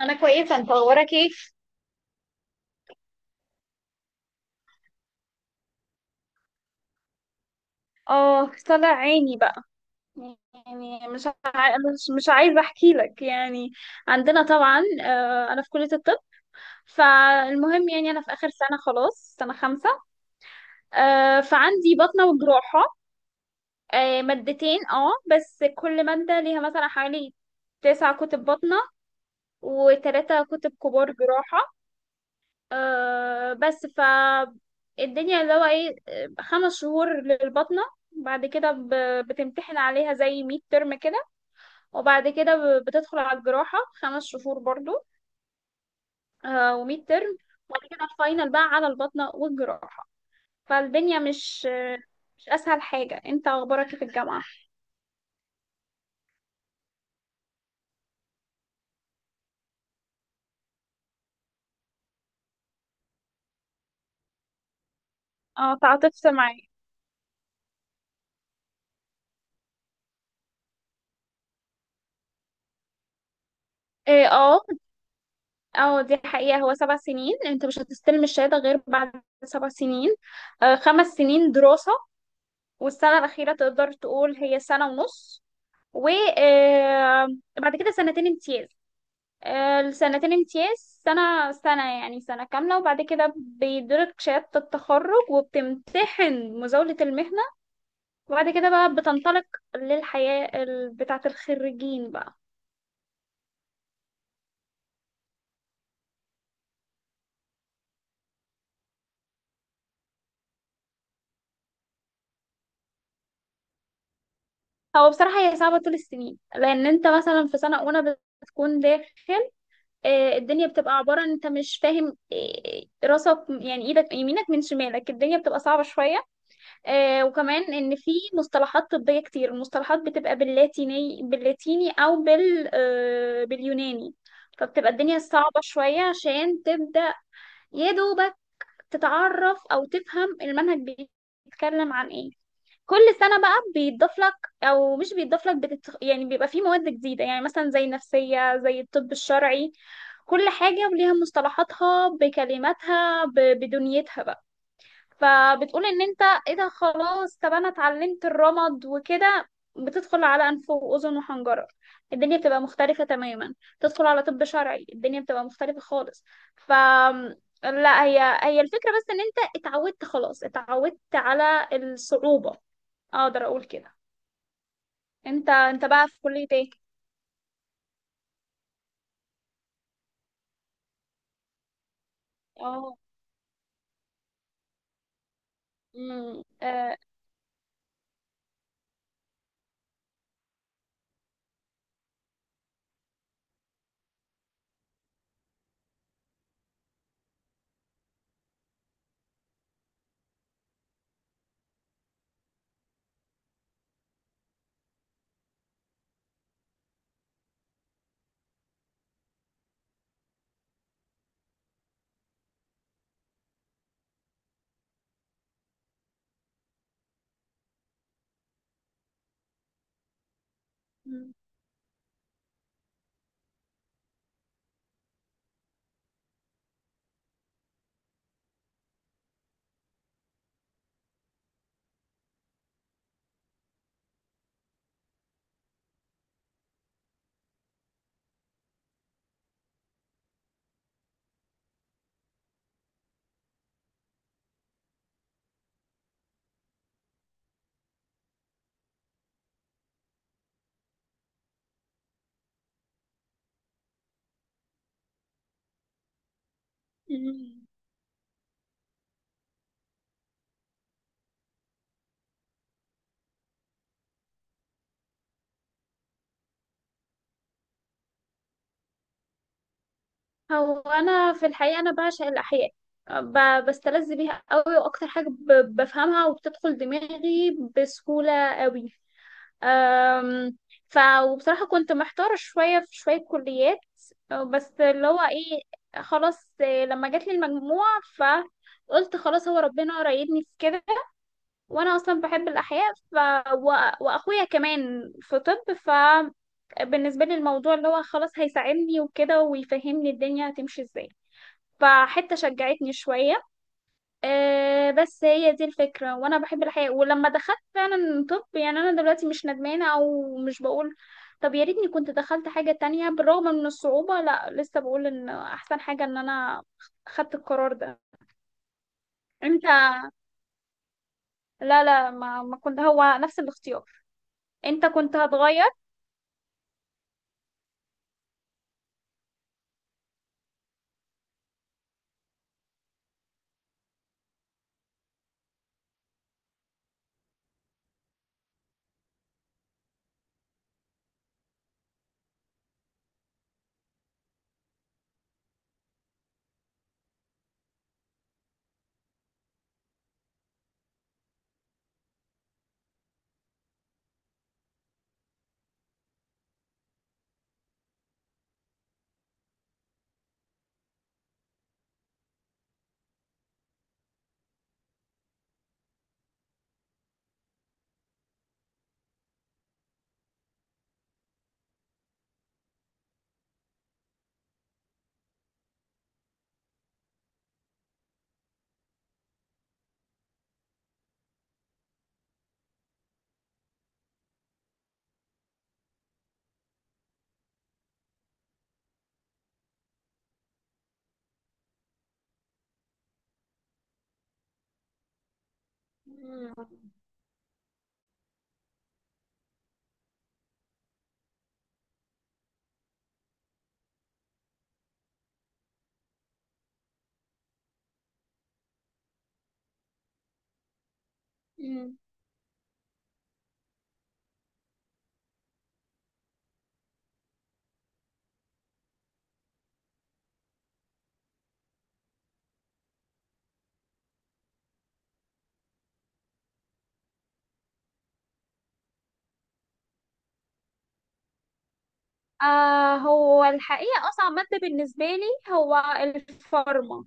انا كويسه، انت اخبارك ايه؟ اه، طلع عيني بقى. يعني مش عايزه احكي لك يعني. عندنا طبعا انا في كليه الطب. فالمهم يعني انا في اخر سنه، خلاص سنه خمسة. فعندي بطنه وجراحه. مادتين، بس كل ماده ليها مثلا حوالي 9 كتب بطنه، و3 كتب كبار جراحه. بس ف الدنيا اللي هو ايه، 5 شهور للبطنة. بعد كده بتمتحن عليها زي ميد ترم كده. وبعد كده بتدخل على الجراحة 5 شهور برضو، وميد ترم. وبعد كده الفاينل بقى على البطنة والجراحة. فالدنيا مش مش أسهل حاجة. انت أخبارك إيه في الجامعة؟ اه، تعاطفت معايا. إيه، اه. اه، دي حقيقة. هو 7 سنين، انت مش هتستلم الشهادة غير بعد 7 سنين. 5 سنين دراسة، والسنة الأخيرة تقدر تقول هي سنة ونص. وبعد كده سنتين امتياز. السنتين امتياز سنة سنة، يعني سنة كاملة. وبعد كده بيدرك شهادة التخرج وبتمتحن مزاولة المهنة. وبعد كده بقى بتنطلق للحياة بتاعة الخريجين بقى. هو بصراحة هي صعبة طول السنين، لأن أنت مثلا في سنة أولى بتكون داخل. الدنيا بتبقى عبارة أن أنت مش فاهم راسك، يعني إيدك يمينك من شمالك، الدنيا بتبقى صعبة شوية. وكمان ان في مصطلحات طبية كتير، المصطلحات بتبقى باللاتيني او باليوناني. فبتبقى الدنيا صعبة شوية عشان تبدأ يا دوبك تتعرف او تفهم المنهج بيتكلم عن ايه. كل سنة بقى بيتضاف لك، او مش بيتضاف لك، يعني بيبقى فيه مواد جديدة، يعني مثلا زي النفسية، زي الطب الشرعي. كل حاجة وليها مصطلحاتها بكلماتها بدنيتها بقى. فبتقول ان انت ايه ده؟ خلاص طب انا اتعلمت الرمد وكده، بتدخل على انف واذن وحنجره، الدنيا بتبقى مختلفه تماما. تدخل على طب شرعي، الدنيا بتبقى مختلفه خالص. ف لا، هي الفكره، بس ان انت اتعودت، خلاص اتعودت على الصعوبه. اقدر اقول كده. انت بقى في كليه ايه؟ اه. امم. آه. مم. هو انا في الحقيقه انا بعشق الاحياء، بستلذ بيها قوي، واكتر حاجه بفهمها وبتدخل دماغي بسهوله قوي. أم، ف وبصراحه كنت محتاره شويه في شويه كليات. بس اللي هو ايه، خلاص. لما جات لي المجموعه، فقلت خلاص هو ربنا رايدني في كده، وانا اصلا بحب الاحياء. ف و... واخويا كمان في طب، فبالنسبه لي الموضوع اللي هو خلاص هيساعدني وكده، ويفهمني الدنيا هتمشي ازاي، فحتة شجعتني شوية. بس هي دي الفكرة، وأنا بحب الحياة. ولما دخلت فعلا طب، يعني أنا دلوقتي مش ندمانة أو مش بقول طب يا ريتني كنت دخلت حاجة تانية. بالرغم من الصعوبة، لا، لسه بقول إن أحسن حاجة إن أنا خدت القرار ده. أنت؟ لا، لا، ما كنت، هو نفس الاختيار. أنت كنت هتغير؟ مم. مم. هو الحقيقة أصعب مادة بالنسبة لي هو الفارما،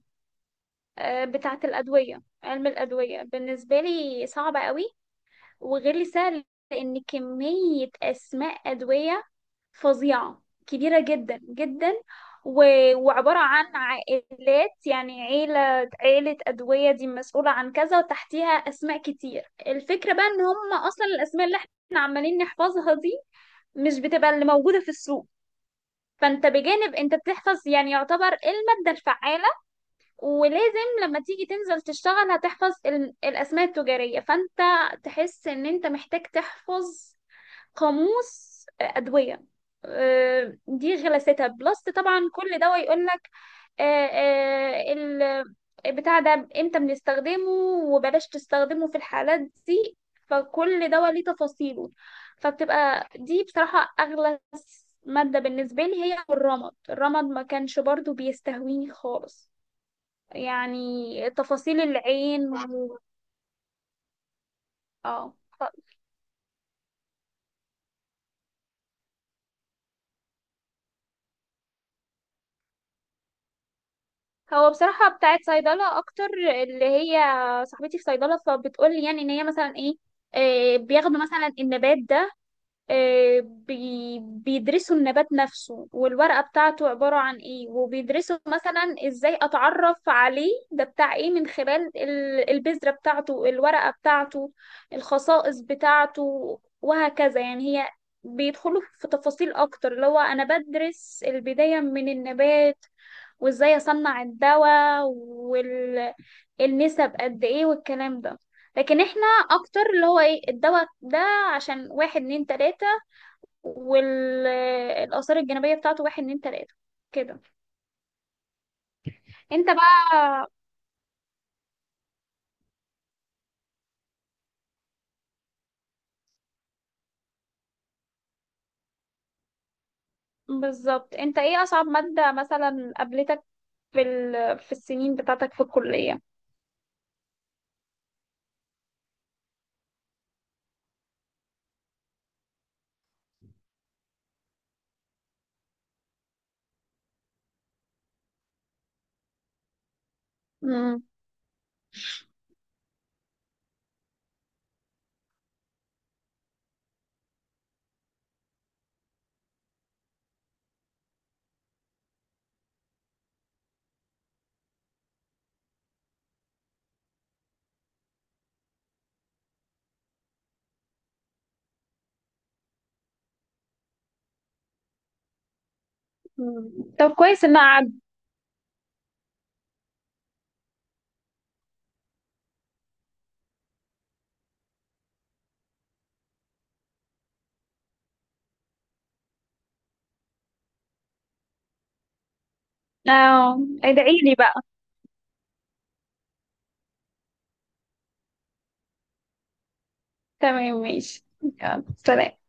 بتاعة الأدوية. علم الأدوية بالنسبة لي صعبة قوي، وغير لي سهل، لأن كمية أسماء أدوية فظيعة، كبيرة جدا جدا. وعبارة عن عائلات، يعني عيلة عيلة أدوية دي مسؤولة عن كذا، وتحتيها أسماء كتير. الفكرة بقى إن هم أصلا الأسماء اللي احنا عمالين نحفظها دي مش بتبقى اللي موجودة في السوق. فانت بجانب انت بتحفظ يعني يعتبر ايه المادة الفعالة، ولازم لما تيجي تنزل تشتغل هتحفظ الأسماء التجارية، فأنت تحس إن أنت محتاج تحفظ قاموس أدوية. دي غلاستها. بلس طبعا كل دواء يقولك آه، آه، ال بتاع ده امتى بنستخدمه، وبلاش تستخدمه في الحالات دي. فكل دواء ليه تفاصيله. فبتبقى دي بصراحة أغلى مادة بالنسبة لي. هي الرمد. الرمد ما كانش برضو بيستهويني خالص. يعني تفاصيل العين اه. ف- هو بصراحة بتاعت صيدلة أكتر، اللي هي صاحبتي في صيدلة فبتقولي، يعني إن هي مثلا إيه بياخدوا مثلا النبات ده، بيدرسوا النبات نفسه، والورقة بتاعته عبارة عن ايه، وبيدرسوا مثلا ازاي اتعرف عليه، ده بتاع ايه من خلال البذرة بتاعته، الورقة بتاعته، الخصائص بتاعته، وهكذا. يعني هي بيدخلوا في تفاصيل اكتر. اللي هو انا بدرس البداية من النبات، وازاي اصنع الدواء، والنسب قد ايه، والكلام ده. لكن احنا اكتر اللي هو ايه الدواء ده عشان واحد، اتنين، تلاتة، والآثار الجانبية بتاعته واحد، اتنين، تلاتة، كده. انت بقى بالظبط. انت ايه أصعب مادة مثلا قابلتك في السنين بتاعتك في الكلية؟ مم. مم. طب كويس ان قعد. اه، ادعيلي بقى. تمام، ماشي، يلا سلام.